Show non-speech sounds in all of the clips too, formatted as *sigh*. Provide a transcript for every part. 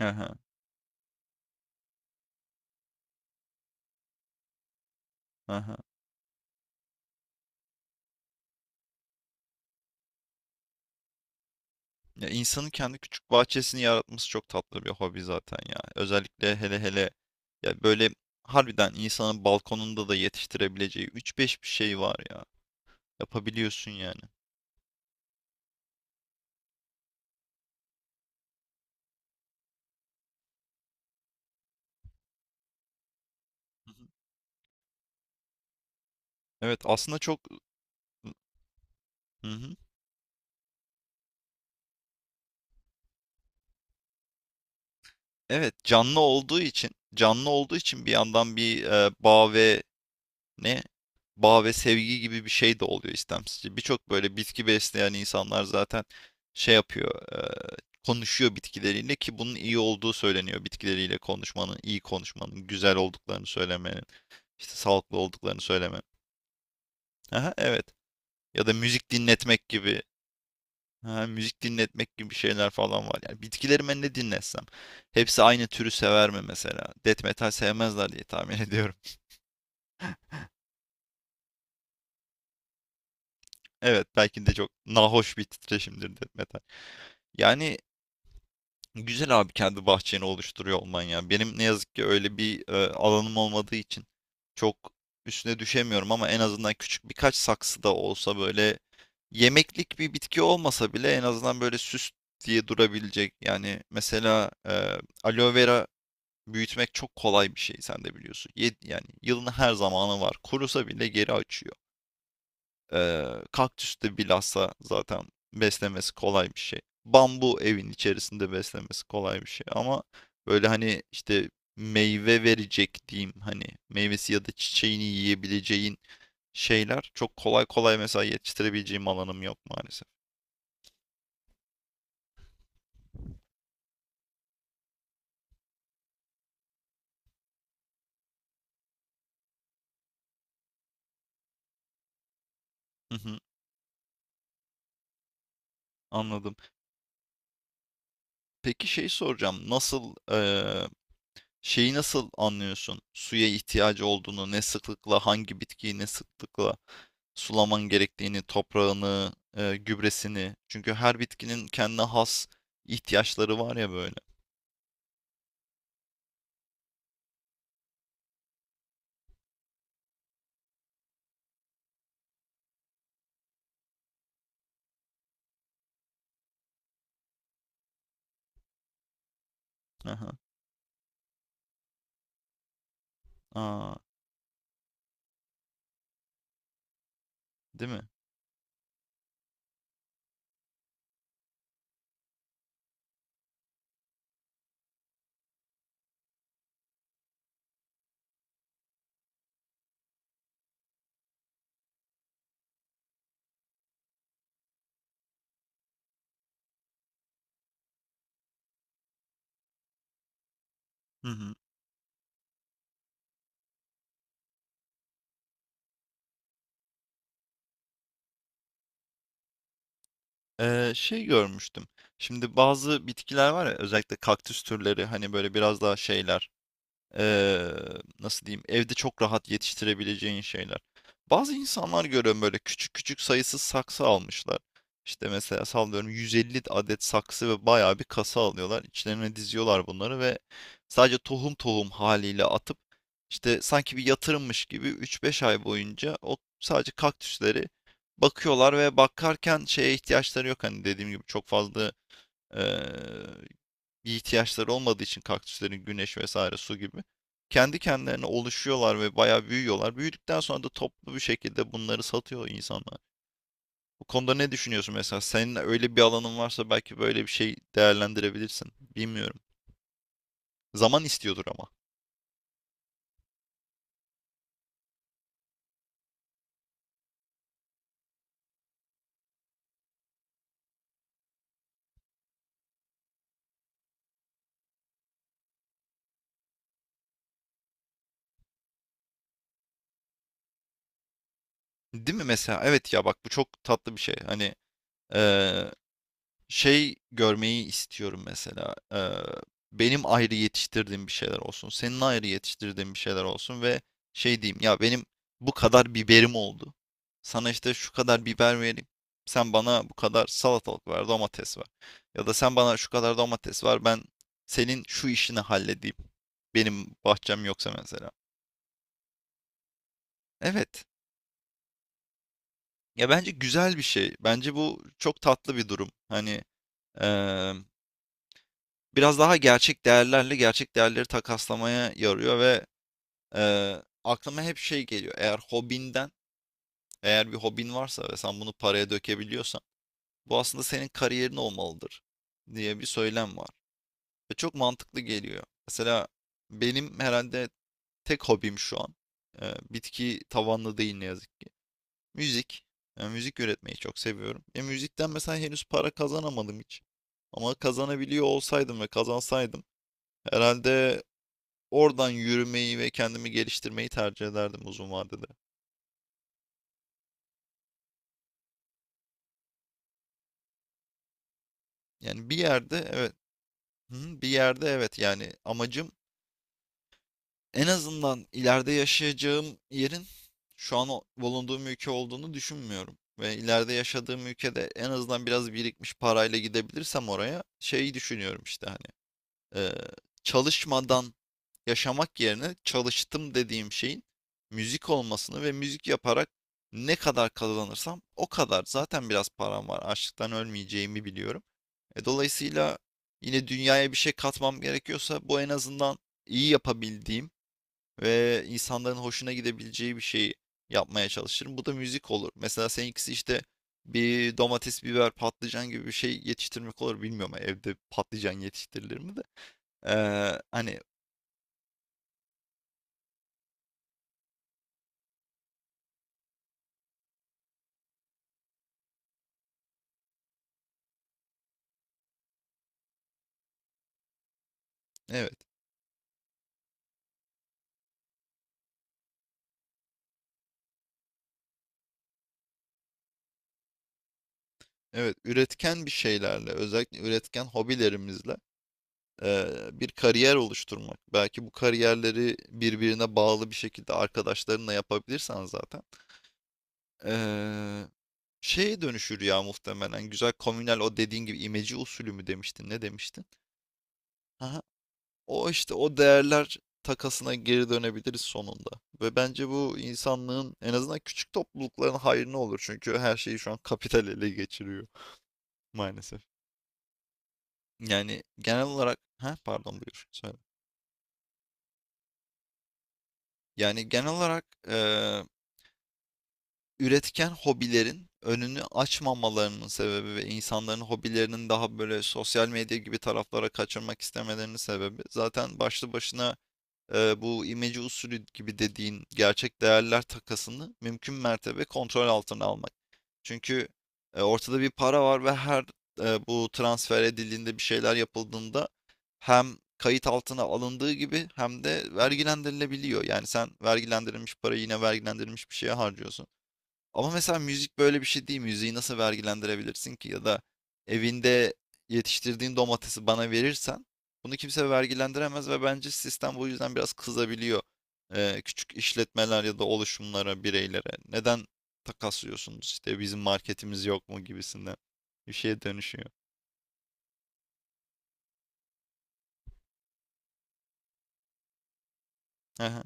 Aha, aha. Ya insanın kendi küçük bahçesini yaratması çok tatlı bir hobi zaten ya. Özellikle hele hele ya böyle harbiden insanın balkonunda da yetiştirebileceği üç beş bir şey var ya. Yapabiliyorsun yani. Hı hı. Evet aslında çok. Hı hı. Evet canlı olduğu için bir yandan bir bağ ve ne bağ ve sevgi gibi bir şey de oluyor istemsizce. Birçok böyle bitki besleyen insanlar zaten şey yapıyor, konuşuyor bitkileriyle ki bunun iyi olduğu söyleniyor. Bitkileriyle konuşmanın, iyi konuşmanın, güzel olduklarını söylemenin, işte sağlıklı olduklarını söylemenin. Aha, evet. Ya da müzik dinletmek gibi şeyler falan var. Yani bitkilerime ne dinletsem, hepsi aynı türü sever mi mesela? Death metal sevmezler diye tahmin ediyorum. *laughs* Evet, belki de çok nahoş bir titreşimdir death metal. Yani güzel abi kendi bahçeni oluşturuyor olman ya. Benim ne yazık ki öyle bir alanım olmadığı için çok üstüne düşemiyorum ama en azından küçük birkaç saksı da olsa böyle yemeklik bir bitki olmasa bile en azından böyle süs diye durabilecek. Yani mesela aloe vera büyütmek çok kolay bir şey sen de biliyorsun. Yani yılın her zamanı var. Kurusa bile geri açıyor. Kaktüs de bilhassa zaten beslemesi kolay bir şey. Bambu evin içerisinde beslemesi kolay bir şey. Ama böyle hani işte meyve verecek diyeyim hani meyvesi ya da çiçeğini yiyebileceğin şeyler çok kolay kolay mesela yetiştirebileceğim alanım yok maalesef. Hı hı, anladım. Peki şey soracağım. Nasıl Şeyi nasıl anlıyorsun? Suya ihtiyacı olduğunu, ne sıklıkla, hangi bitkiyi ne sıklıkla sulaman gerektiğini, toprağını, gübresini. Çünkü her bitkinin kendine has ihtiyaçları var ya böyle. Aha. Aa, değil mi? Hı hı. Şey görmüştüm. Şimdi bazı bitkiler var ya özellikle kaktüs türleri hani böyle biraz daha şeyler eee, nasıl diyeyim evde çok rahat yetiştirebileceğin şeyler. Bazı insanlar görüyorum böyle küçük küçük sayısız saksı almışlar. İşte mesela sallıyorum 150 adet saksı ve bayağı bir kasa alıyorlar. İçlerine diziyorlar bunları ve sadece tohum tohum haliyle atıp işte sanki bir yatırımmış gibi 3-5 ay boyunca o sadece kaktüsleri bakıyorlar ve bakarken şeye ihtiyaçları yok. Hani dediğim gibi çok fazla. Eee, Bir ihtiyaçları olmadığı için kaktüslerin güneş vesaire su gibi kendi kendilerine oluşuyorlar ve bayağı büyüyorlar. Büyüdükten sonra da toplu bir şekilde bunları satıyor insanlar. Bu konuda ne düşünüyorsun mesela? Senin öyle bir alanın varsa belki böyle bir şey değerlendirebilirsin. Bilmiyorum. Zaman istiyordur ama. Değil mi mesela? Evet ya bak bu çok tatlı bir şey. Hani eee, şey görmeyi istiyorum mesela. Benim ayrı yetiştirdiğim bir şeyler olsun. Senin ayrı yetiştirdiğin bir şeyler olsun ve şey diyeyim ya benim bu kadar biberim oldu. Sana işte şu kadar biber vereyim. Sen bana bu kadar salatalık ver, domates ver. Ya da sen bana şu kadar domates ver. Ben senin şu işini halledeyim. Benim bahçem yoksa mesela. Evet. Ya bence güzel bir şey. Bence bu çok tatlı bir durum. Hani eee biraz daha gerçek değerlerle gerçek değerleri takaslamaya yarıyor ve, aklıma hep şey geliyor, eğer hobinden, eğer bir hobin varsa ve sen bunu paraya dökebiliyorsan, bu aslında senin kariyerin olmalıdır diye bir söylem var ve çok mantıklı geliyor. Mesela benim herhalde tek hobim şu an, bitki tavanlı değil ne yazık ki, müzik. Müzik üretmeyi çok seviyorum. Müzikten mesela henüz para kazanamadım hiç ama kazanabiliyor olsaydım ve kazansaydım herhalde oradan yürümeyi ve kendimi geliştirmeyi tercih ederdim uzun vadede. Yani bir yerde evet yani amacım en azından ileride yaşayacağım yerin şu an bulunduğum ülke olduğunu düşünmüyorum. Ve ileride yaşadığım ülkede en azından biraz birikmiş parayla gidebilirsem oraya şeyi düşünüyorum işte hani eee, çalışmadan yaşamak yerine çalıştım dediğim şeyin müzik olmasını ve müzik yaparak ne kadar kazanırsam o kadar. Zaten biraz param var. Açlıktan ölmeyeceğimi biliyorum. Dolayısıyla yine dünyaya bir şey katmam gerekiyorsa bu en azından iyi yapabildiğim ve insanların hoşuna gidebileceği bir şeyi yapmaya çalışırım. Bu da müzik olur. Mesela seninkisi işte bir domates, biber, patlıcan gibi bir şey yetiştirmek olur. Bilmiyorum evde patlıcan yetiştirilir mi de. Hani evet. Evet, üretken bir şeylerle, özellikle üretken hobilerimizle bir kariyer oluşturmak. Belki bu kariyerleri birbirine bağlı bir şekilde arkadaşlarınla yapabilirsen zaten eee, şeye dönüşür ya muhtemelen. Güzel komünel o dediğin gibi imece usulü mü demiştin, ne demiştin? Aha, o işte o değerler takasına geri dönebiliriz sonunda. Ve bence bu insanlığın en azından küçük toplulukların hayrına olur. Çünkü her şeyi şu an kapital ele geçiriyor maalesef. Yani genel olarak ha pardon buyur söyle. Yani genel olarak üretken hobilerin önünü açmamalarının sebebi ve insanların hobilerinin daha böyle sosyal medya gibi taraflara kaçırmak istemelerinin sebebi zaten başlı başına bu imece usulü gibi dediğin gerçek değerler takasını mümkün mertebe kontrol altına almak. Çünkü ortada bir para var ve her bu transfer edildiğinde bir şeyler yapıldığında hem kayıt altına alındığı gibi hem de vergilendirilebiliyor. Yani sen vergilendirilmiş parayı yine vergilendirilmiş bir şeye harcıyorsun. Ama mesela müzik böyle bir şey değil. Müziği nasıl vergilendirebilirsin ki? Ya da evinde yetiştirdiğin domatesi bana verirsen bunu kimse vergilendiremez ve bence sistem bu yüzden biraz kızabiliyor. Küçük işletmeler ya da oluşumlara, bireylere. Neden takaslıyorsunuz işte bizim marketimiz yok mu gibisinden bir şeye dönüşüyor. Aha.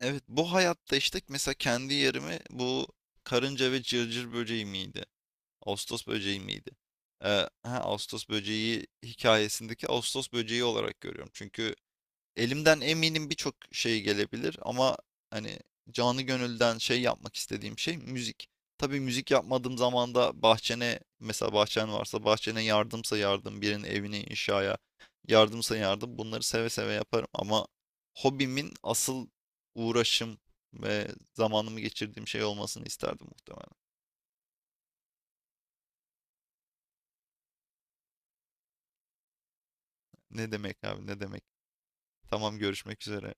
Evet bu hayatta işte mesela kendi yerimi bu karınca ve cırcır böceği miydi? Ağustos böceği miydi? Ee, ha, Ağustos böceği hikayesindeki Ağustos böceği olarak görüyorum. Çünkü elimden eminim birçok şey gelebilir ama hani canı gönülden şey yapmak istediğim şey müzik. Tabii müzik yapmadığım zaman da bahçene mesela bahçen varsa bahçene yardımsa yardım birinin evine inşaya yardımsa yardım bunları seve seve yaparım ama hobimin asıl uğraşım ve zamanımı geçirdiğim şey olmasını isterdim muhtemelen. Ne demek abi ne demek? Tamam görüşmek üzere.